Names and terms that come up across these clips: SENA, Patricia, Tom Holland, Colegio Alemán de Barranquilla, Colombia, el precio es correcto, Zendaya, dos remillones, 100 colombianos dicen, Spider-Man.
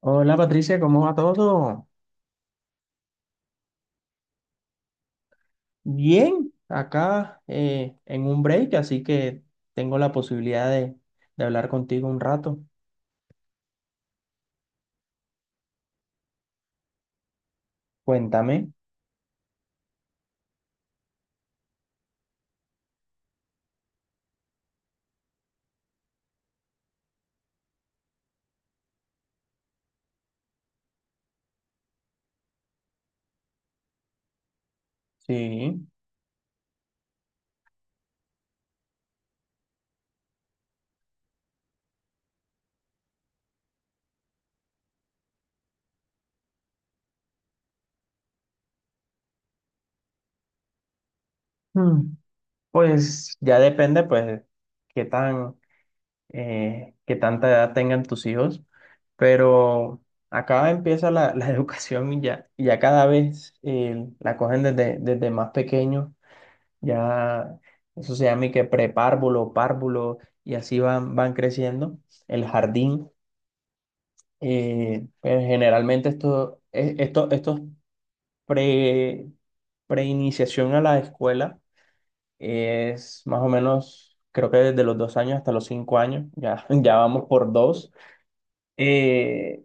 Hola Patricia, ¿cómo va todo? Bien, acá en un break, así que tengo la posibilidad de hablar contigo un rato. Cuéntame. Sí. Mm, Pues ya depende, pues, qué tan, qué tanta edad tengan tus hijos, pero acá empieza la educación y ya cada vez la cogen desde más pequeño. Ya eso se llama y que párvulo, y así van creciendo. El jardín, pero generalmente esto, e- esto, estos pre, preiniciación a la escuela es más o menos, creo que desde los 2 años hasta los 5 años, ya vamos por dos. Eh,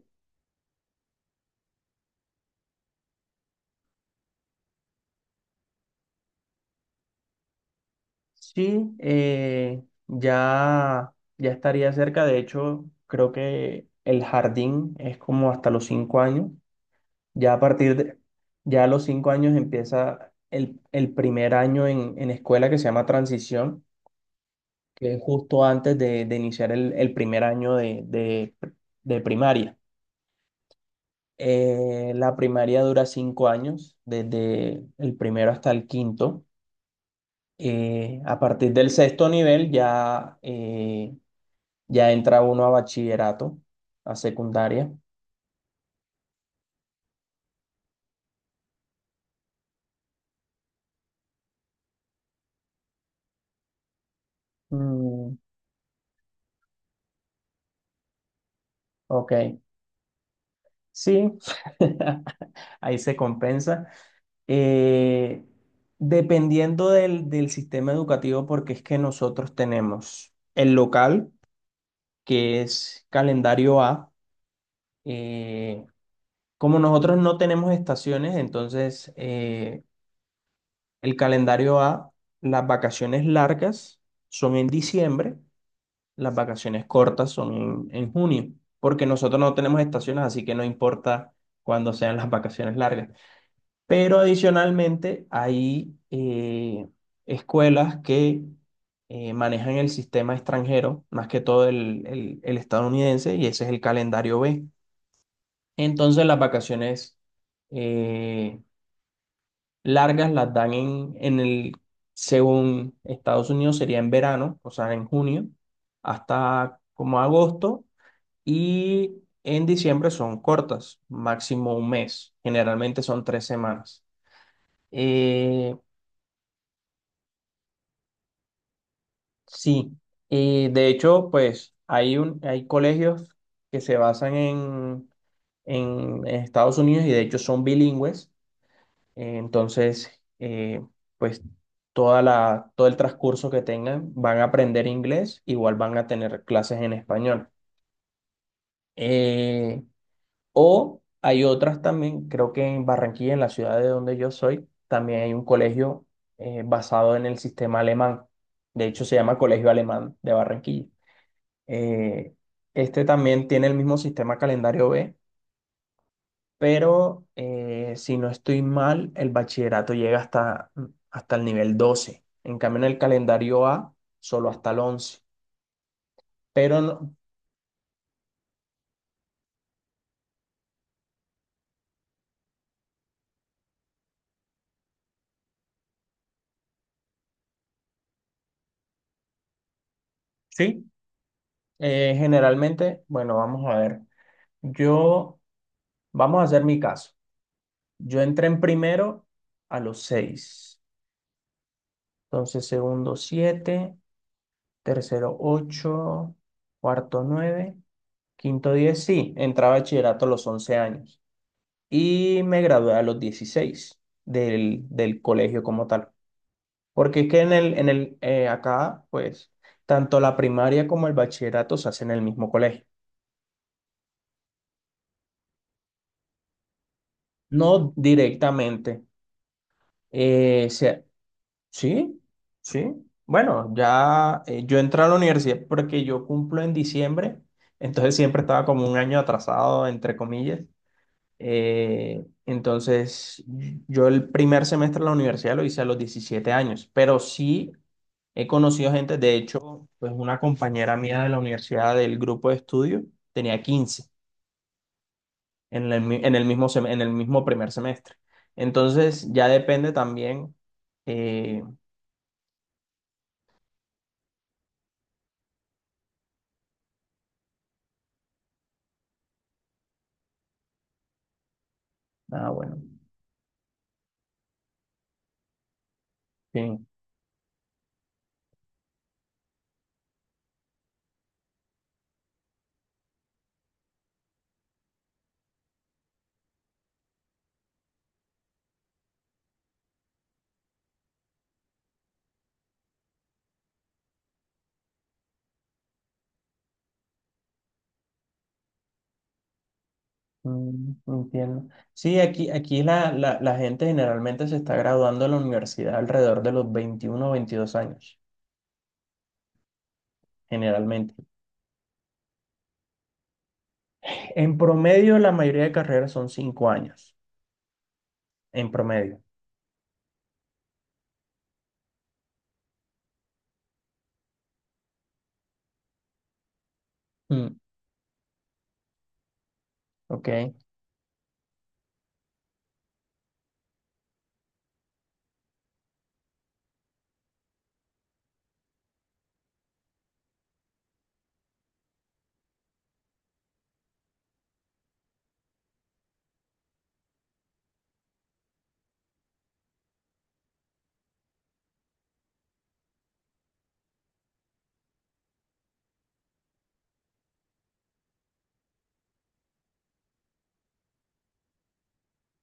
sí, ya estaría cerca, de hecho, creo que el jardín es como hasta los 5 años. Ya a partir de, ya a los 5 años empieza el primer año en escuela que se llama transición, que es justo antes de iniciar el primer año de primaria. La primaria dura 5 años, desde el primero hasta el quinto. A partir del sexto nivel ya entra uno a bachillerato, a secundaria. Mm, ok, sí, ahí se compensa. eh, dependiendo del sistema educativo, porque es que nosotros tenemos el local, que es calendario A. eh, como nosotros no tenemos estaciones, entonces el calendario A, las vacaciones largas son en diciembre, las vacaciones cortas son en junio, porque nosotros no tenemos estaciones, así que no importa cuándo sean las vacaciones largas. Pero adicionalmente hay escuelas que manejan el sistema extranjero, más que todo el estadounidense, y ese es el calendario B. Entonces las vacaciones eh, largas las dan según Estados Unidos, sería en verano, o sea, en junio, hasta como agosto, y en diciembre son cortas, máximo un mes, generalmente son 3 semanas. Eh, Sí, y de hecho, pues hay colegios que se basan en Estados Unidos y de hecho son bilingües. Eh, entonces, eh, pues todo el transcurso que tengan van a aprender inglés, igual van a tener clases en español. Eh, o hay otras también, creo que en Barranquilla, en la ciudad de donde yo soy, también hay un colegio basado en el sistema alemán. De hecho, se llama Colegio Alemán de Barranquilla. Eh, este también tiene el mismo sistema calendario B, pero si no estoy mal, el bachillerato llega hasta el nivel 12. En cambio, en el calendario A, solo hasta el 11. Pero no- sí, generalmente, bueno, vamos a ver. Yo, Vamos a hacer mi caso. Yo entré en primero a los 6. Entonces, segundo 7, tercero 8, cuarto 9. Quinto 10, sí, entré a bachillerato a los 11 años y me gradué a los 16 del colegio como tal. Porque es que acá, pues, tanto la primaria como el bachillerato se hacen en el mismo colegio. No directamente. eh, se- sí, sí. Bueno, ya yo entré a la universidad porque yo cumplo en diciembre, entonces siempre estaba como un año atrasado, entre comillas. Entonces, yo el primer semestre de la universidad lo hice a los 17 años, pero sí he conocido gente, de hecho, pues una compañera mía de la universidad del grupo de estudio tenía 15 en el, mi- en el mismo, sem- en el mismo primer semestre. Entonces, ya depende también. eh, ah, bueno, sí, entiendo. Sí, aquí la gente generalmente se está graduando de la universidad alrededor de los 21 o 22 años, generalmente. En promedio, la mayoría de carreras son 5 años, en promedio. Mm, Ok,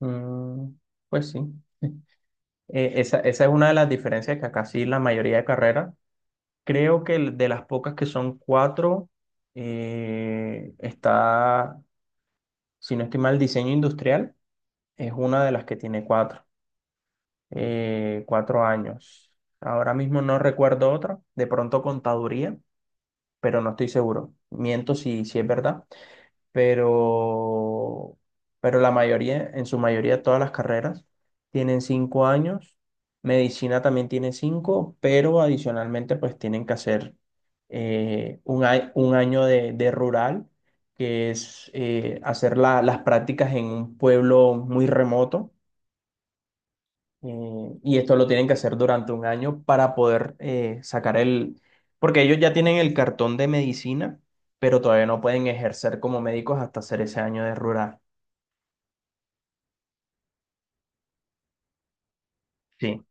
mm, pues sí. Esa es una de las diferencias que acá sí la mayoría de carreras. Creo que de las pocas que son cuatro, está, si no estoy mal, diseño industrial es una de las que tiene cuatro años. Ahora mismo no recuerdo otra, de pronto contaduría, pero no estoy seguro. Miento si es verdad. pero, pero la mayoría, en su mayoría, todas las carreras tienen 5 años. Medicina también tiene cinco, pero adicionalmente pues tienen que hacer un año de rural, que es hacer las prácticas en un pueblo muy remoto y esto lo tienen que hacer durante un año para poder porque ellos ya tienen el cartón de medicina, pero todavía no pueden ejercer como médicos hasta hacer ese año de rural. Sí,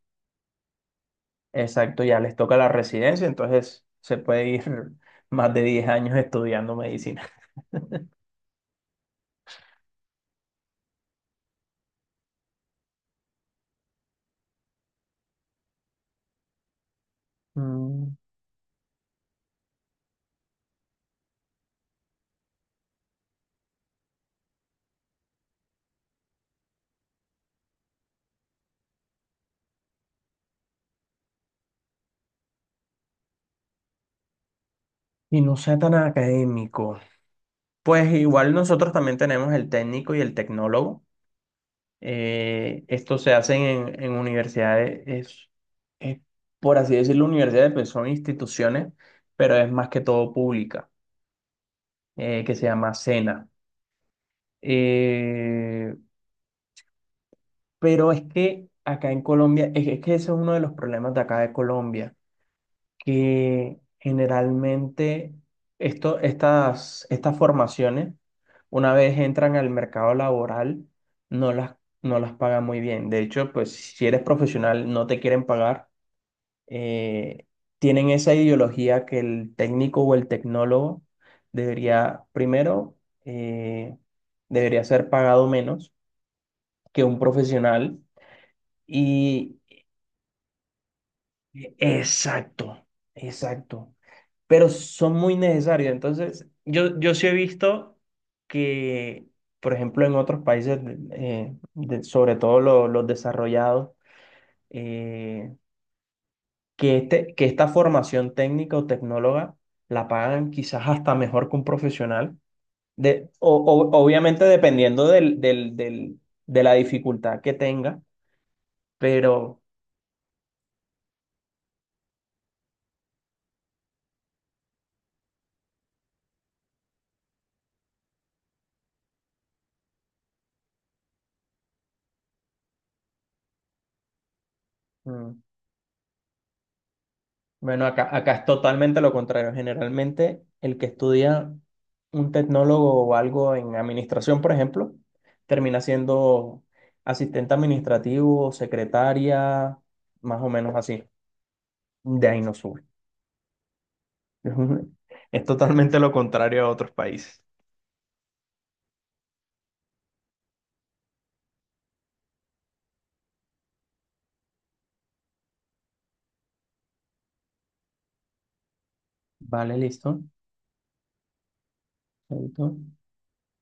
exacto, ya les toca la residencia, entonces se puede ir más de 10 años estudiando medicina. Mm, Y no sea tan académico. Pues igual nosotros también tenemos el técnico y el tecnólogo. Estos se hacen en universidades, es, por así decirlo, universidades, pues son instituciones, pero es más que todo pública, que se llama SENA. Eh, pero es que acá en Colombia, es que ese es uno de los problemas de acá de Colombia, que generalmente estas formaciones, una vez entran al mercado laboral, no las, no las pagan muy bien. De hecho, pues si eres profesional, no te quieren pagar, eh, tienen esa ideología que el técnico o el tecnólogo debería, primero, eh, debería ser pagado menos que un profesional. Y exacto, exacto. Pero son muy necesarios. Entonces, yo sí he visto que, por ejemplo, en otros países, sobre todo los desarrollados, eh, que esta formación técnica o tecnóloga la pagan quizás hasta mejor que un profesional, obviamente dependiendo de la dificultad que tenga, pero mm, bueno, acá es totalmente lo contrario. Generalmente el que estudia un tecnólogo o algo en administración, por ejemplo, termina siendo asistente administrativo, secretaria, más o menos así. De ahí no sube. Es un- es totalmente lo contrario a otros países. Vale, listo. Chaito.